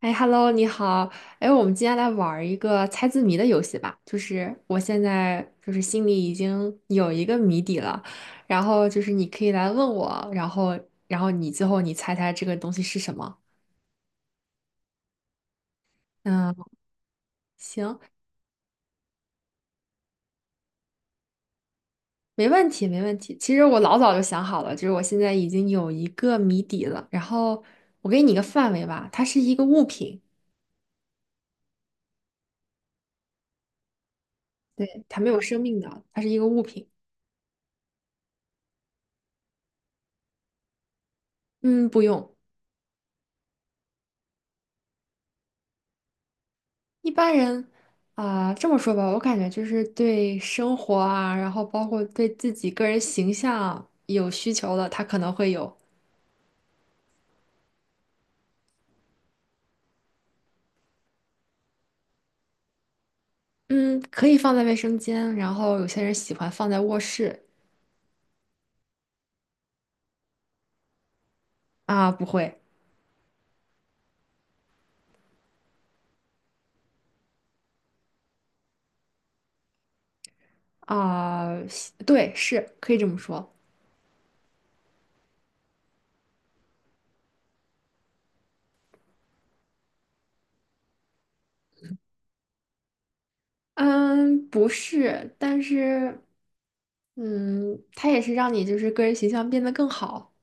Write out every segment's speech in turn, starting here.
哎，Hello，你好。哎，我们今天来玩儿一个猜字谜的游戏吧。就是我现在就是心里已经有一个谜底了，然后就是你可以来问我，然后你最后猜猜这个东西是什么？嗯，行，没问题，没问题。其实我老早就想好了，就是我现在已经有一个谜底了。然后我给你一个范围吧，它是一个物品，对，它没有生命的，它是一个物品。嗯，不用。一般人啊，这么说吧，我感觉就是对生活啊，然后包括对自己个人形象有需求的，他可能会有，嗯，可以放在卫生间，然后有些人喜欢放在卧室。啊，不会。啊，喜对，是可以这么说，嗯，不是，但是，嗯，它也是让你就是个人形象变得更好。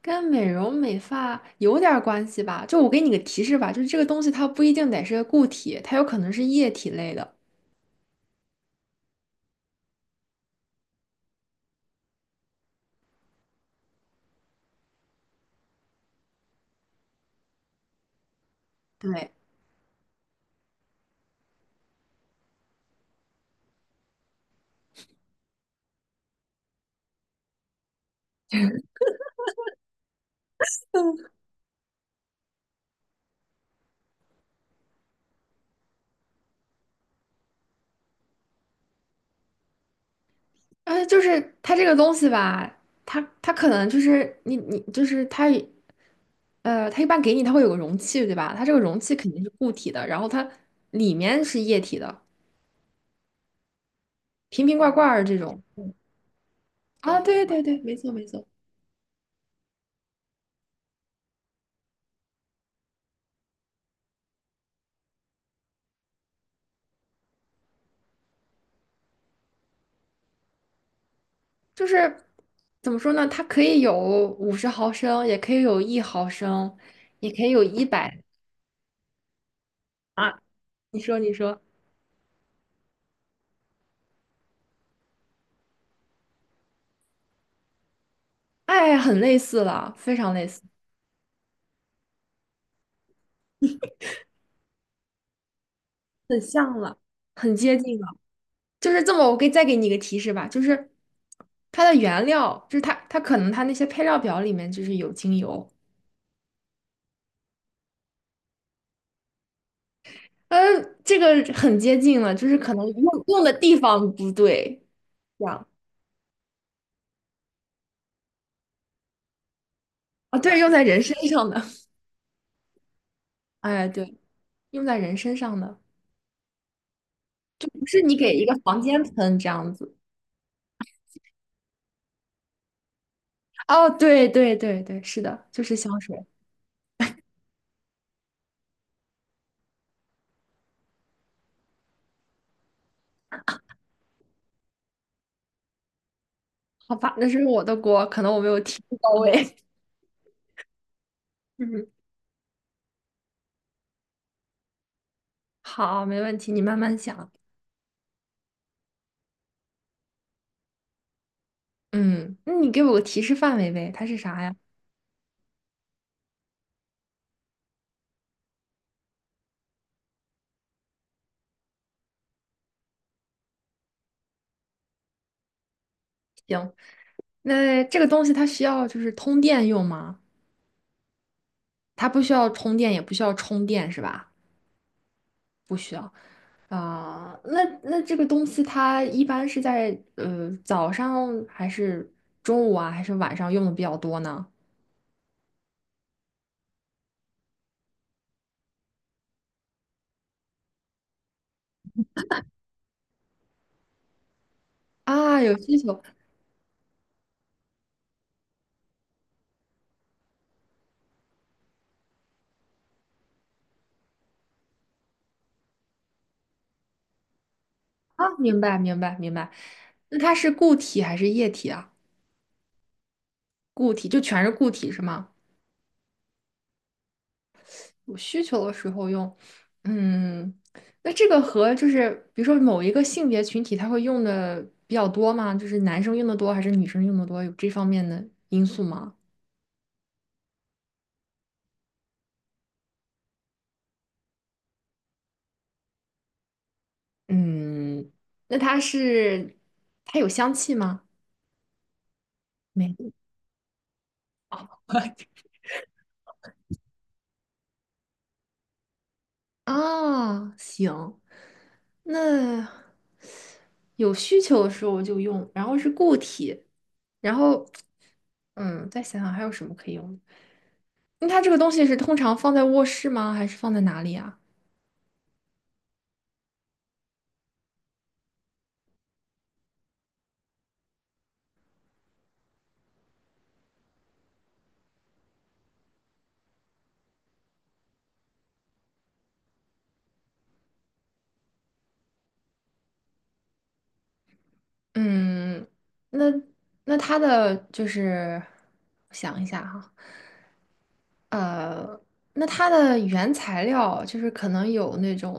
跟美容美发有点儿关系吧？就我给你个提示吧，就是这个东西它不一定得是个固体，它有可能是液体类的。对，嗯，就是它这个东西吧，它可能就是你就是它它一般给你它会有个容器，对吧？它这个容器肯定是固体的，然后它里面是液体的，瓶瓶罐罐儿这种。啊，对对对，没错没错，就是怎么说呢？它可以有50毫升，也可以有1毫升，也可以有100。你说，你说，哎，很类似了，非常类似，很像了，很接近了。就是这么，我再给你一个提示吧，就是它的原料，就是它可能它那些配料表里面就是有精油，嗯，这个很接近了，就是可能用的地方不对，这样。啊，对，用在人身上的，哎，对，用在人身上的，不是你给一个房间喷这样子。哦，对对对对，是的，就是香水。好吧，那是我的锅，可能我没有提到位。嗯。好，没问题，你慢慢想。嗯，那你给我个提示范围呗，它是啥呀？行，那这个东西它需要就是通电用吗？它不需要通电，也不需要充电，是吧？不需要。啊、那这个东西它一般是在早上还是中午啊，还是晚上用的比较多呢？啊，有需求。啊，明白明白明白。那它是固体还是液体啊？固体就全是固体是吗？有需求的时候用。嗯，那这个和就是比如说某一个性别群体，他会用的比较多吗？就是男生用的多还是女生用的多？有这方面的因素吗？嗯，那它是它有香气吗？没有。 啊，行，那有需求的时候就用，然后是固体，然后嗯，再想想还有什么可以用。那它这个东西是通常放在卧室吗？还是放在哪里啊？嗯，那那它的就是想一下哈，呃，那它的原材料就是可能有那种，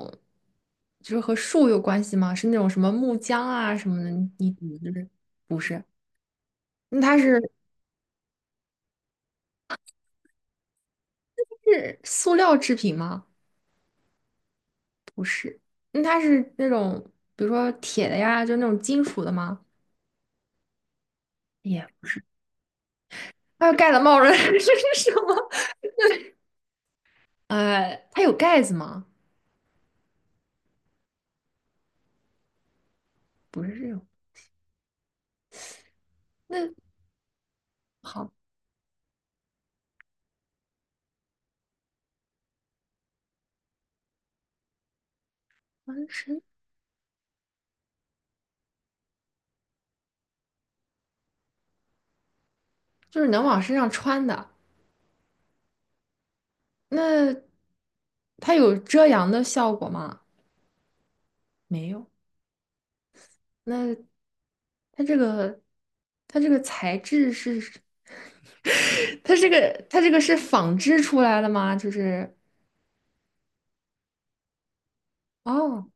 就是和树有关系吗？是那种什么木浆啊什么的？你就是不是？那它是塑料制品吗？不是。那它是那种比如说铁的呀，就那种金属的吗？也，它盖的帽子 这是什么？呃，它有盖子吗？不是这种。那好，翻身就是能往身上穿的。那它有遮阳的效果吗？没有。那它这个，它这个材质是，它这个，它这个是纺织出来的吗？就是，哦，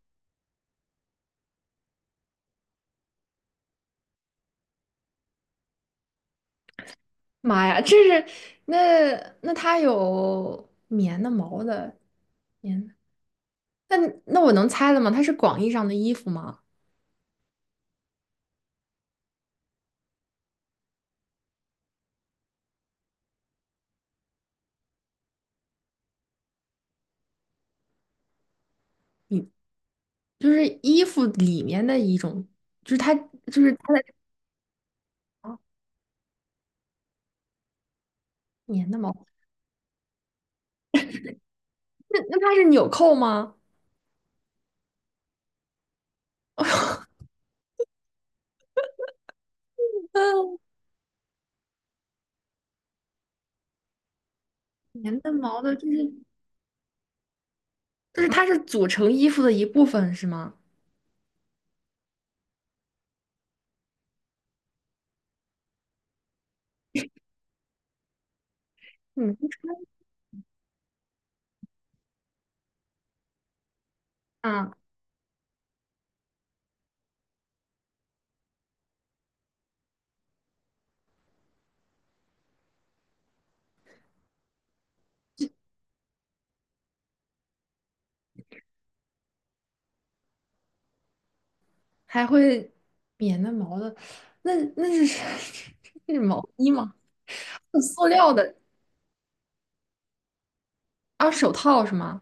妈呀，这是那那它有棉的、毛的、棉的。那那我能猜了吗？它是广义上的衣服吗？你就是衣服里面的一种，就是它就是它的。啊，棉的毛，那那它是纽扣吗？棉的毛的，就是就是它是组成衣服的一部分是吗？嗯，啊，还会棉的毛的，那那是 那是毛衣吗？是塑料的。啊，手套是吗？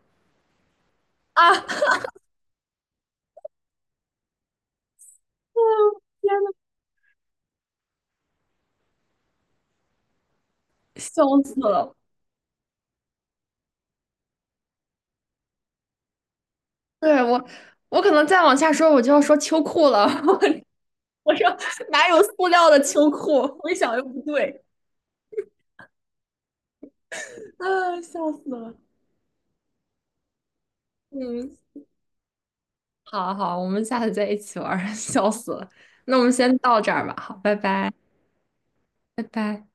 啊，天呐，笑死了！对我，我可能再往下说，我就要说秋裤了。我说哪有塑料的秋裤？我一想又不对。啊，笑死了。嗯，好好，我们下次再一起玩儿。 笑死了。那我们先到这儿吧，好，拜拜，拜拜。